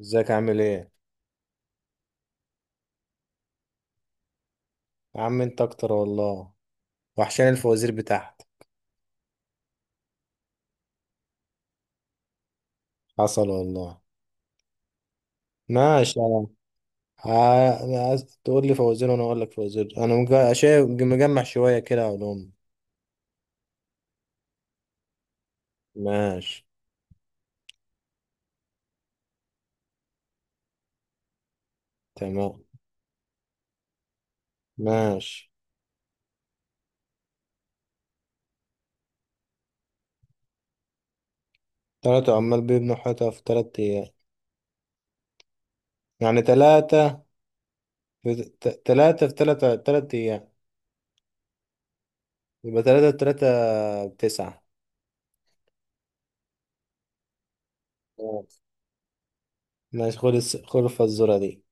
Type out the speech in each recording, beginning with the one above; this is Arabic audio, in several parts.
ازيك عامل ايه؟ يا عم انت اكتر والله، وحشان الفوازير بتاعتك. حصل والله. ماشي يا عم. عايز تقول لي فوازير وانا اقول لك فوازير، انا شايف مجمع شويه كده علوم. ماشي. تمام. ماشي. تلاتة عمال بيبنوا حيطة في تلات ايام، يعني تلاتة في تلاتة في تلاتة تلات ايام، يبقى تلاتة في تلاتة بتسعة. تمام. ماشي، خد الفزورة دي.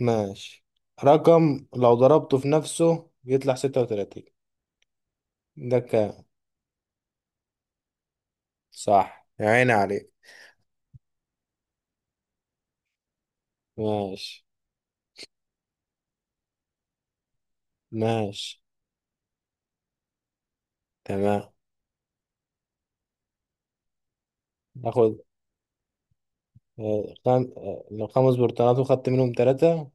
ماشي. رقم لو ضربته في نفسه يطلع ستة وتلاتين، ذكاء. صح يا عيني عليك. ماشي. ماشي. تمام. ناخد آه، خم... آه، لو خمس برتقانات وخدت منهم ثلاثة.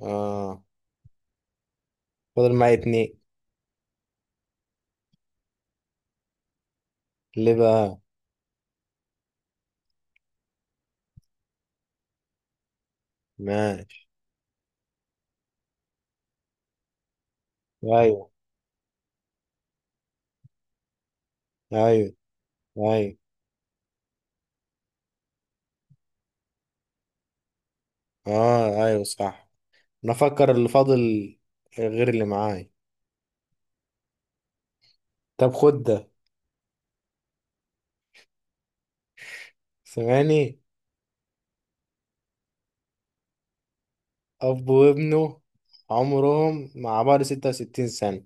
اه، فضل معايا اتنين. ليه بقى؟ ماشي. ايوه. ايوه. ايوه. اه ايوه صح، انا افكر اللي فاضل غير اللي معايا. طب خد ده، سمعني. اب وابنه عمرهم مع بعض ستة وستين سنة،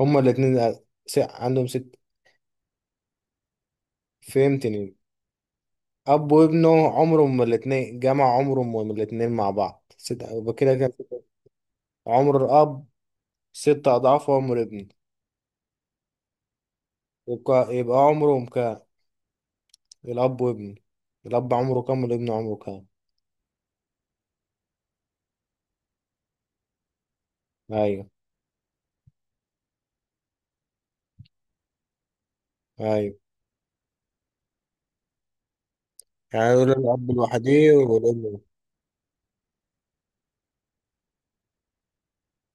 هما الاتنين عندهم ست، فهمتني؟ اب وابنه عمرهم ما الاتنين، جمع عمرهم ما الاتنين مع بعض ست، يبقى كده كان عمر الاب ست اضعاف عمر ابنه، يبقى عمرهم كام؟ الاب وابنه، الاب عمره كام والابن عمره كام؟ ايوه. ايوه. يعني يقول الاب الوحيد والابن لوحده.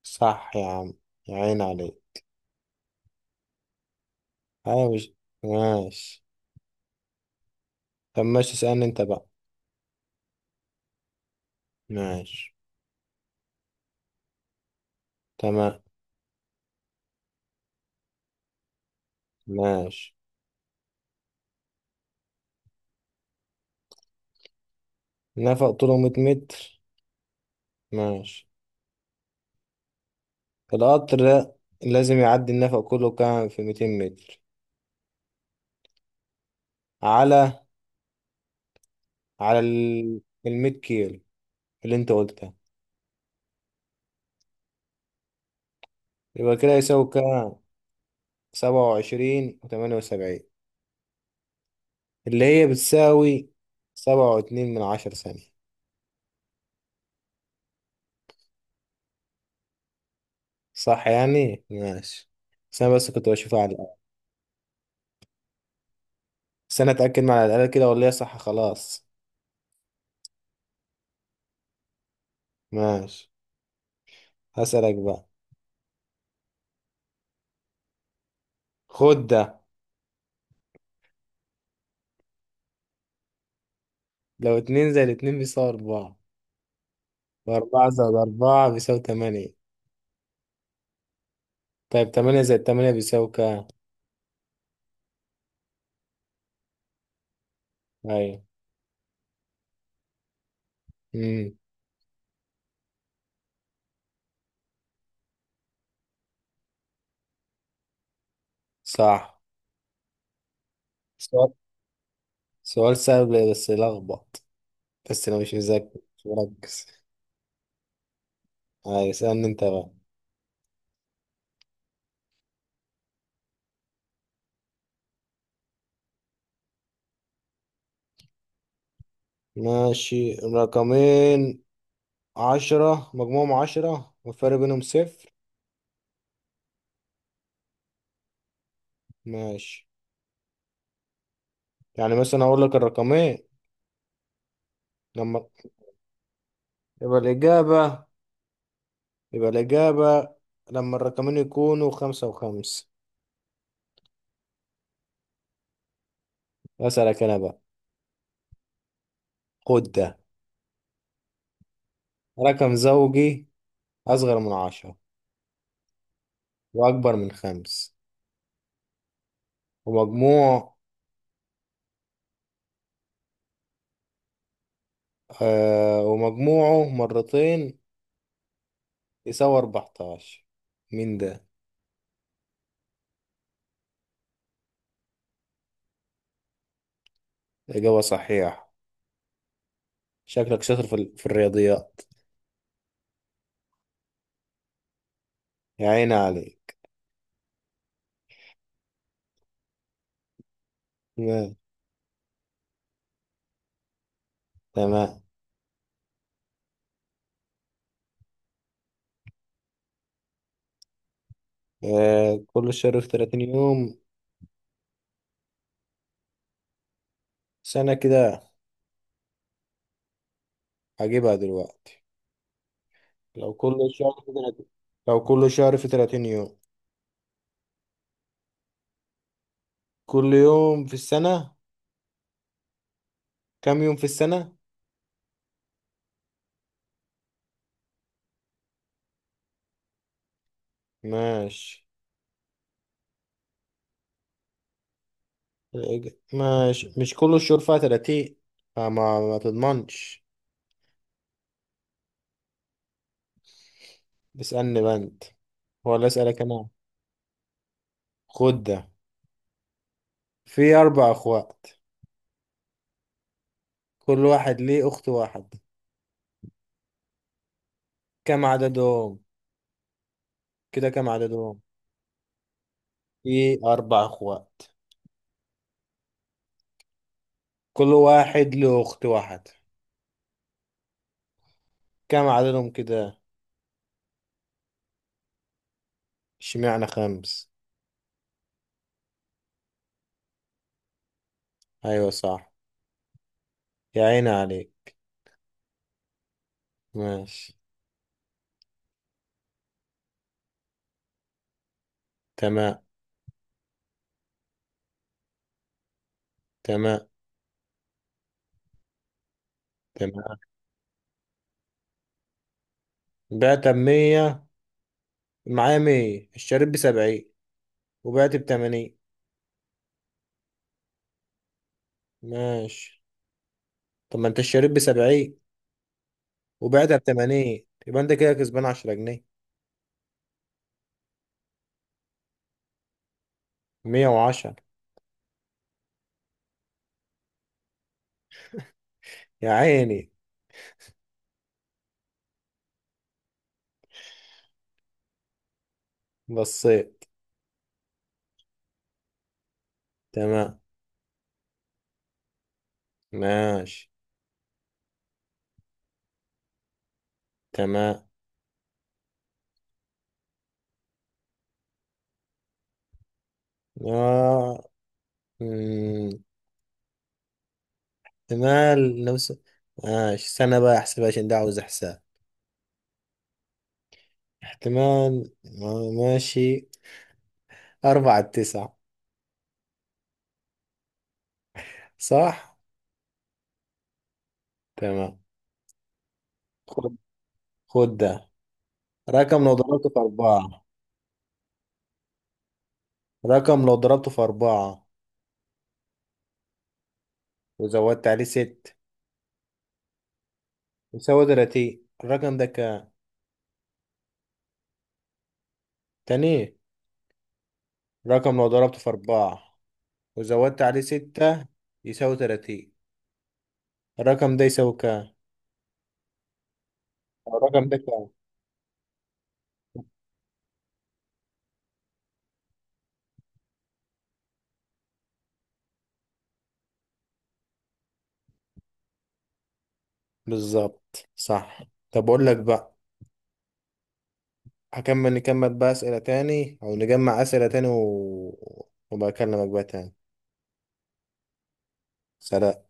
صح يا عم، يا عين عليك. ايوه مش. ماشي. طب ماشي، اسألني انت بقى. ماشي. تمام. ماشي. نفق طوله 100 متر، ماشي. القطر لازم يعدي النفق كله، كام في 200 متر على على ال 100 كيلو اللي انت قلتها، يبقى كده يساوي كام. 27 و78 اللي هي بتساوي 7.2 من عشر ثانية. صح يعني، ماشي. بس انا بس كنت بشوفها على الأقل، بس انا اتأكد مع على الأقل كده ولا هي صح خلاص. ماشي. هسألك بقى، خد ده. لو اتنين زائد اتنين بيساوي أربعة، وأربعة زائد أربعة بيساوي تمانية، طيب تمانية زائد تمانية بيساوي كام؟ ايوه. امم صح. سؤال، سؤال سهل بس لخبط، بس انا مش مذاكر مش مركز. ايوه، اسألني انت بقى. ماشي، رقمين، عشرة، مجموعهم عشرة والفرق بينهم صفر. ماشي. يعني مثلا اقول لك الرقمين، لما يبقى الإجابة، يبقى الإجابة لما الرقمين يكونوا خمسة وخمسة. أسألك أنا بقى، خد ده. رقم زوجي أصغر من عشرة وأكبر من خمس، ومجموع ومجموعه مرتين يساوي 14، مين ده؟ إجابة صحيحة، شكلك شاطر في الرياضيات. يا عيني عليك. تمام. تمام. آه، كل شهر في 30 يوم، سنة كده، هجيبها دلوقتي. لو كل شهر في 30، لو كل شهر في 30 يوم، كل يوم في السنة، كم يوم في السنة؟ ماشي، ماشي، مش كل الشهور فيها 30، فما ما تضمنش. اسألني بقى انت ولا اسألك انا؟ خد ده، في أربع أخوات، كل واحد ليه أخت واحد، كم عددهم؟ كده كم عددهم؟ في أربع أخوات، كل واحد له أخت واحد، كم عددهم كده؟ اشمعنى خمس؟ أيوة صح، يا عيني عليك. ماشي. تمام. تمام. تمام. بعت بمية، معايا مية، اشتريت بسبعين وبعت بتمانين. ماشي. طب ما انت اشتريت بسبعين وبعتها بتمانين، يبقى انت كده كسبان عشرة جنيه. مية وعشرة. يا عيني. بصيت. تمام. ماشي. تمام. آه. مم. احتمال نفس، ماشي سنة بقى، احسب عشان ده عاوز احساب. احتمال، ماشي. أربعة تسعة. صح. تمام. خد، خد ده. رقم لو ضربته في أربعة. رقم لو ضربته في أربعة وزودت عليه ست يساوي تلاتين، الرقم ده كام؟ تاني، رقم لو ضربته في أربعة وزودت عليه ستة يساوي تلاتين، الرقم ده يساوي كام؟ الرقم ده كام؟ بالظبط صح. طب اقول لك بقى. هكمل، نكمل بقى اسئله تاني، او نجمع اسئله تاني وبكلمك بقى تاني. سلام.